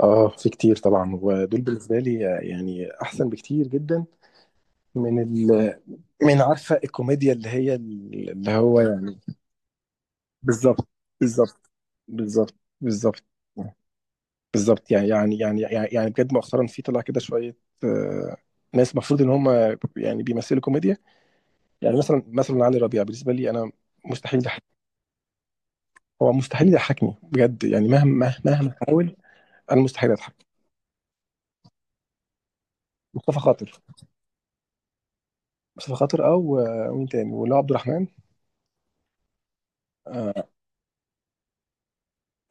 اه، في كتير طبعا. ودول بالنسبه لي، يعني احسن بكتير جدا. من ال... من عارفه الكوميديا اللي هو يعني. بالظبط، بالظبط، بالظبط، بالظبط، بالظبط. يعني بجد مؤخرا في طلع كده شويه. آه، ناس المفروض ان هم يعني بيمثلوا كوميديا. يعني مثلا علي ربيع بالنسبه لي انا مستحيل يضحك. هو مستحيل يضحكني بجد يعني مهما حاول. انا مستحيل اضحك. مصطفى خاطر مصطفى خاطر او، مين تاني؟ ولو عبد الرحمن. آه،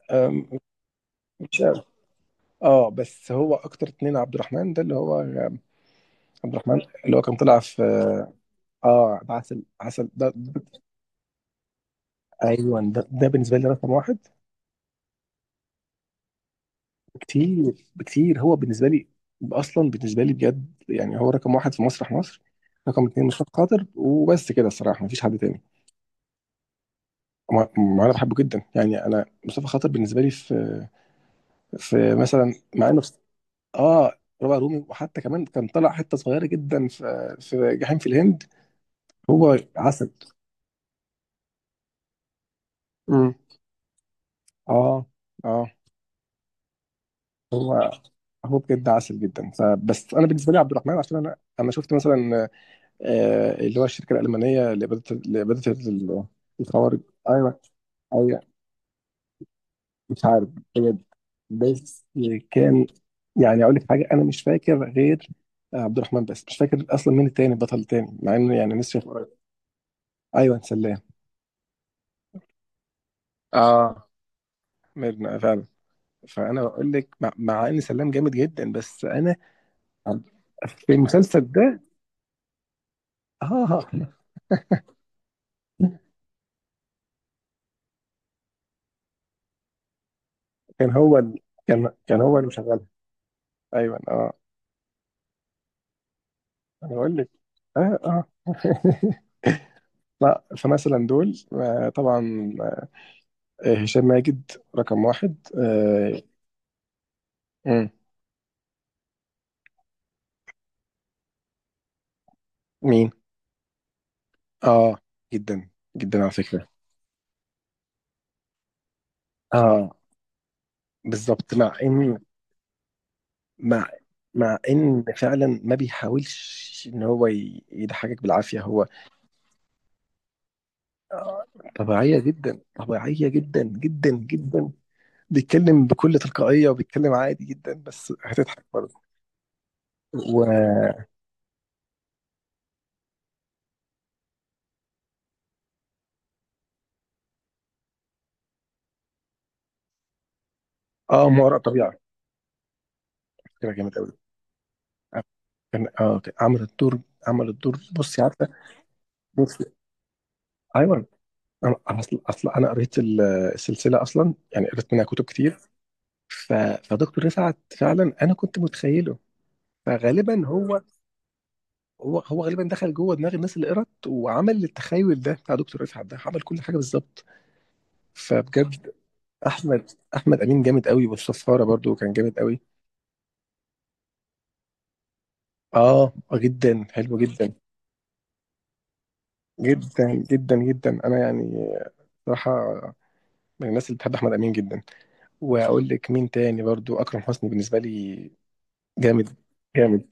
آه، مش قوي. اه، بس هو اكتر اتنين. عبد الرحمن اللي هو كان طلع في، اه عسل عسل، ايوه، ده بالنسبه لي رقم واحد. كتير بكتير. هو بالنسبه لي بجد يعني هو رقم واحد في مسرح مصر. رقم اتنين مصطفى خاطر وبس كده الصراحه، مفيش حد تاني. ما ما انا بحبه جدا يعني. انا مصطفى خاطر بالنسبه لي في في مثلا، اه، ربع رومي، وحتى كمان كان طلع حته صغيره جدا في جحيم في الهند. هو عسل. امم اه، اه. هو هو بجد عسل جدا. فبس انا بالنسبه لي عبد الرحمن، عشان انا شفت مثلا، اللي هو الشركه الالمانيه لاباده الخوارج. ايوه، ايوه. مش عارف بجد، بس كان، اقول لك حاجه، انا مش فاكر غير عبد الرحمن، بس مش فاكر اصلا مين التاني، البطل التاني، مع انه يعني نسي. ايوه، سلام. اه، ميرنا فعلا. فانا بقول لك، مع ان سلام جامد جدا، بس انا. في المسلسل ده، اه كان هو ال... كان هو اللي مشغلها. ايوه، اه. انا بقول لك. اه، اه. لا، فمثلا دول، طبعا. هشام ماجد، رقم واحد. مم. مين؟ اه، جدا، جدا على فكرة. اه، بالظبط. مع مع ان فعلا ما بيحاولش ان هو يضحكك بالعافية هو. آه، طبيعية جدا، طبيعية جدا جدا جدا. بيتكلم بكل تلقائية وبيتكلم عادي جدا، بس هتضحك برضه. و اه ما وراء الطبيعة، فكرة جامد قوي. كان، كان عمل الدور. عمل الدور، بصي، عارفة. بصي، ايوه. انا، اصل انا قريت السلسلة اصلا، يعني قريت منها كتب كتير. ف... فدكتور رفعت فعلا انا كنت متخيله، فغالبا هو غالبا دخل جوه دماغ الناس اللي قرت، وعمل التخيل ده بتاع دكتور رفعت ده، عمل كل حاجة بالظبط. فبجد احمد امين جامد قوي، والصفاره برضو كان جامد قوي. اه، جدا حلو جدا. جدا جدا جدا، انا يعني صراحه من الناس اللي بتحب احمد امين جدا. واقول لك مين تاني برضو، اكرم حسني بالنسبه لي. جامد، جامد.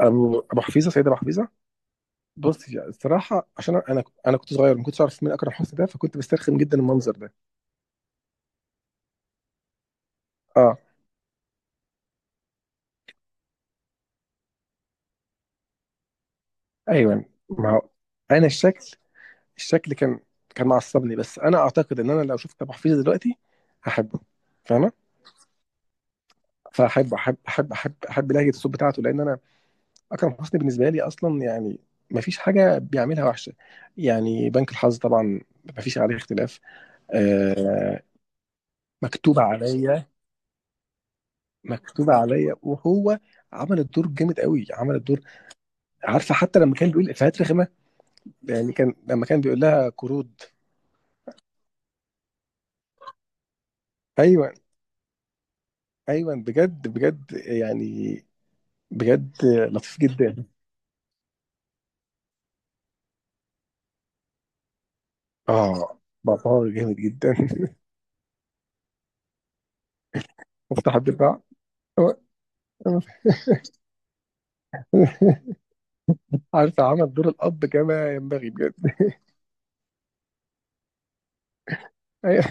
ابو حفيظه، سيد ابو حفيظه. بص الصراحه، عشان انا كنت صغير ما كنتش اعرف مين اكرم حسني ده، فكنت بسترخم جدا المنظر ده. اه، ايوه، ما هو انا الشكل. الشكل كان كان معصبني، بس انا اعتقد ان انا لو شفت ابو حفيظه دلوقتي هحبه. فاهمه؟ فاحب احب احب احب احب لهجه الصوت بتاعته. لان انا اكرم حسني بالنسبه لي اصلا، يعني ما فيش حاجه بيعملها وحشه، يعني بنك الحظ طبعا، ما فيش عليه اختلاف. آه مكتوبه عليا، مكتوبه عليا. وهو عمل الدور جامد قوي. عمل الدور، عارفه، حتى لما كان بيقول افيهات رخمه يعني. كان لما كان بيقول لها قرود. ايوه، ايوه، بجد بجد يعني، بجد لطيف جدا. اه، بابا جامد جدا. مفتاح الدفاع. عارفه عمل دور الاب كما ينبغي بجد. ايوه،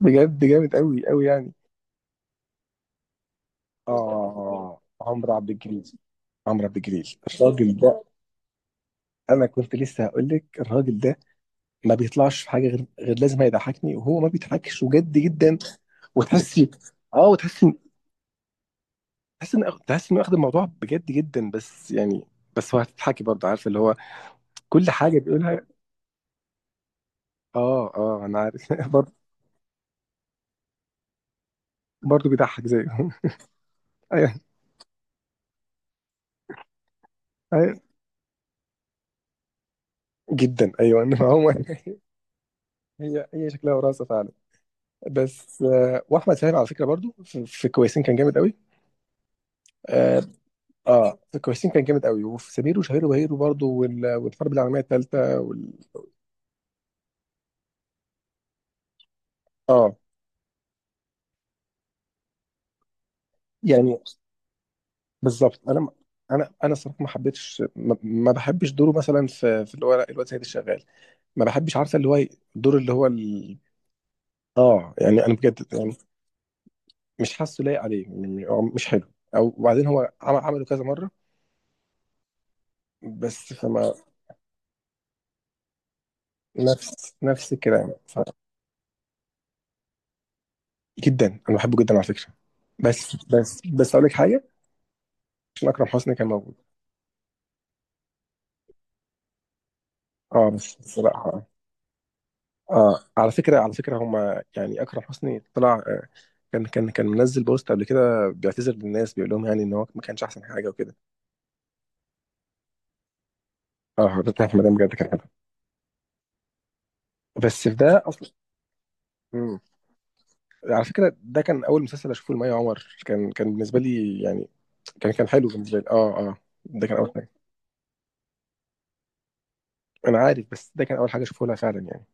بجد جامد قوي قوي يعني. مصطفى شعبان. عمرو عبد الجليل. عمرو عبد الجليل، الراجل ده، انا كنت لسه هقول لك. الراجل ده ما بيطلعش في حاجه غير لازم هيضحكني، وهو ما بيضحكش وجد جدا. وتحسي، اه وتحسي، تحس انه واخد الموضوع بجد جدا، بس يعني بس هو هتضحكي برضه، عارفه، اللي هو كل حاجه بيقولها. اه، اه، انا عارف. برضه، برضه بيضحك زيه. ايوه، ايوه، جدا، ايوه. هي شكلها وراثه فعلا. بس، واحمد سامي على فكره برضو في في كويسين كان جامد قوي. اه، في كويسين كان جامد قوي، وفي سمير وشهير وبهير برضو، والحرب العالميه الثالثه اه، يعني بالظبط. انا، الصراحه ما حبيتش ما, ما بحبش دوره مثلا في اللي هو الواد سيد الشغال. ما بحبش، عارفه، اللي هو الدور اللي هو اه، يعني انا بجد يعني مش حاسه لايق عليه. مش حلو. او، وبعدين هو عمل عمله كذا مره، بس فما. نفس الكلام. جدا، انا بحبه جدا على فكره. بس اقول لك حاجه، عشان اكرم حسني كان موجود. اه، بس الصراحه، اه، على فكره، على فكره، هما يعني اكرم حسني طلع، كان منزل بوست قبل كده بيعتذر للناس، بيقول لهم يعني ان هو ما كانش احسن حاجه وكده. اه، حضرتك، في مدام بجد كان حلو. بس في ده اصلا. مم. على فكره ده كان اول مسلسل اشوفه لمي عمر. كان كان بالنسبه لي يعني، كان كان حلو بالنسبه لي. اه، اه، ده كان اول حاجه. انا عارف، بس ده كان اول حاجه اشوفه لها فعلا يعني.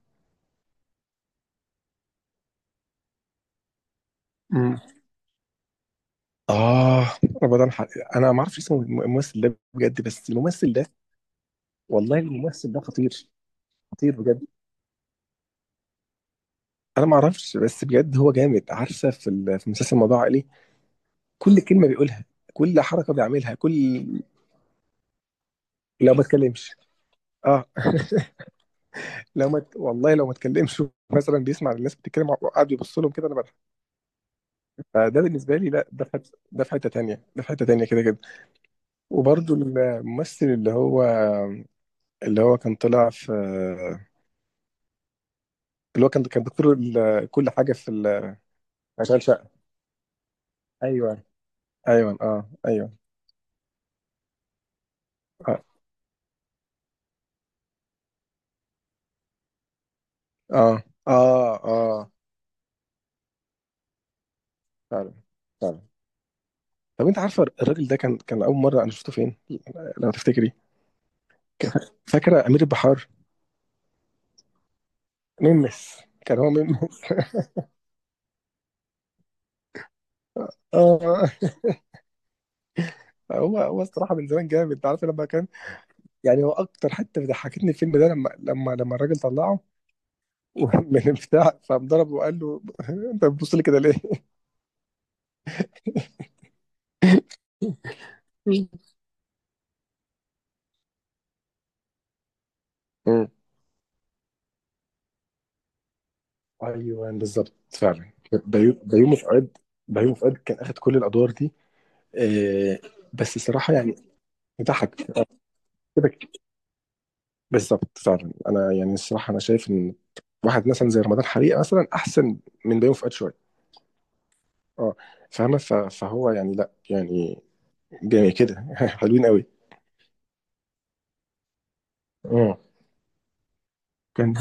مم. آه، رمضان حق. أنا ما أعرفش اسم الممثل ده بجد، بس الممثل ده، والله الممثل ده خطير، خطير بجد. أنا ما أعرفش، بس بجد هو جامد. عارفة في في مسلسل موضوع عائلي، كل كلمة بيقولها، كل حركة بيعملها، كل، لو ما اتكلمش. آه. لو ما ت- والله لو ما اتكلمش، مثلا بيسمع الناس بتتكلم وقاعد يبص لهم كده، أنا بضحك. فده بالنسبة لي لا، ده في حتة، ده في حتة تانية، ده في حتة تانية كده كده. وبرضه الممثل اللي هو، اللي هو كان طلع في، اللي هو كان، كان دكتور كل حاجه في اشغال شقه. ايوه، ايوه، اه، ايوه. اه، اه، فعلا، فعلا. طب انت عارفه الراجل ده كان كان اول مره انا شفته فين؟ لو تفتكري. كان- فاكره امير البحار؟ ممس. كان هو ممس. اه، هو الصراحه من زمان جامد. انت عارف لما كان يعني، هو اكتر حته ضحكتني الفيلم ده لما لما الراجل طلعه من البتاع، فقام ضربه وقال له، انت بتبص لي كده ليه؟ ايوه، بالظبط فعلا. بيومي فؤاد. بيومي فؤاد كان اخد كل الادوار دي. آه، بس الصراحه يعني ضحك كده. بالظبط فعلا. انا يعني الصراحه انا شايف ان واحد مثلا زي رمضان حريقه مثلا احسن من بيومي فؤاد شويه. اه، فاهمه؟ فهو يعني، لا يعني، جميل كده. حلوين قوي. اه، كان،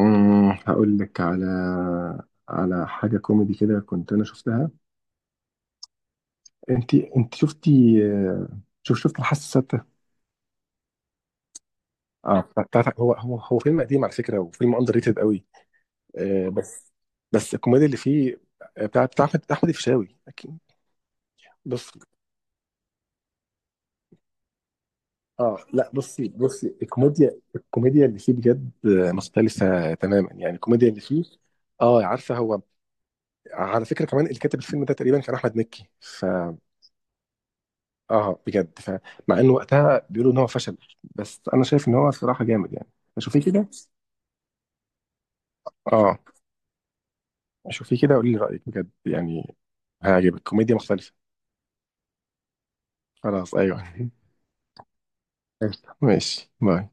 هقول لك على حاجه كوميدي كده كنت انا شفتها. انت شفتي؟ آه، شفت الحاسه؟ اه، بتاعت، هو فيلم قديم على فكره، وفيلم اندر ريتد قوي. بس، الكوميديا اللي فيه، بتاع احمد الفيشاوي اكيد. بص اه لا بصي، الكوميديا، اللي فيه بجد، مختلفه تماما يعني، الكوميديا اللي فيه. اه، عارفه هو، على فكره كمان اللي كاتب الفيلم ده تقريبا كان احمد مكي، ف، اه، بجد، ف، مع انه وقتها بيقولوا ان هو فشل، بس انا شايف ان هو صراحه جامد يعني. شوفيه كده. اه، شوفيه كده، قولي لي رايك بجد يعني، هيعجبك، كوميديا مختلفه. خلاص، أيوه. ماشي، باي.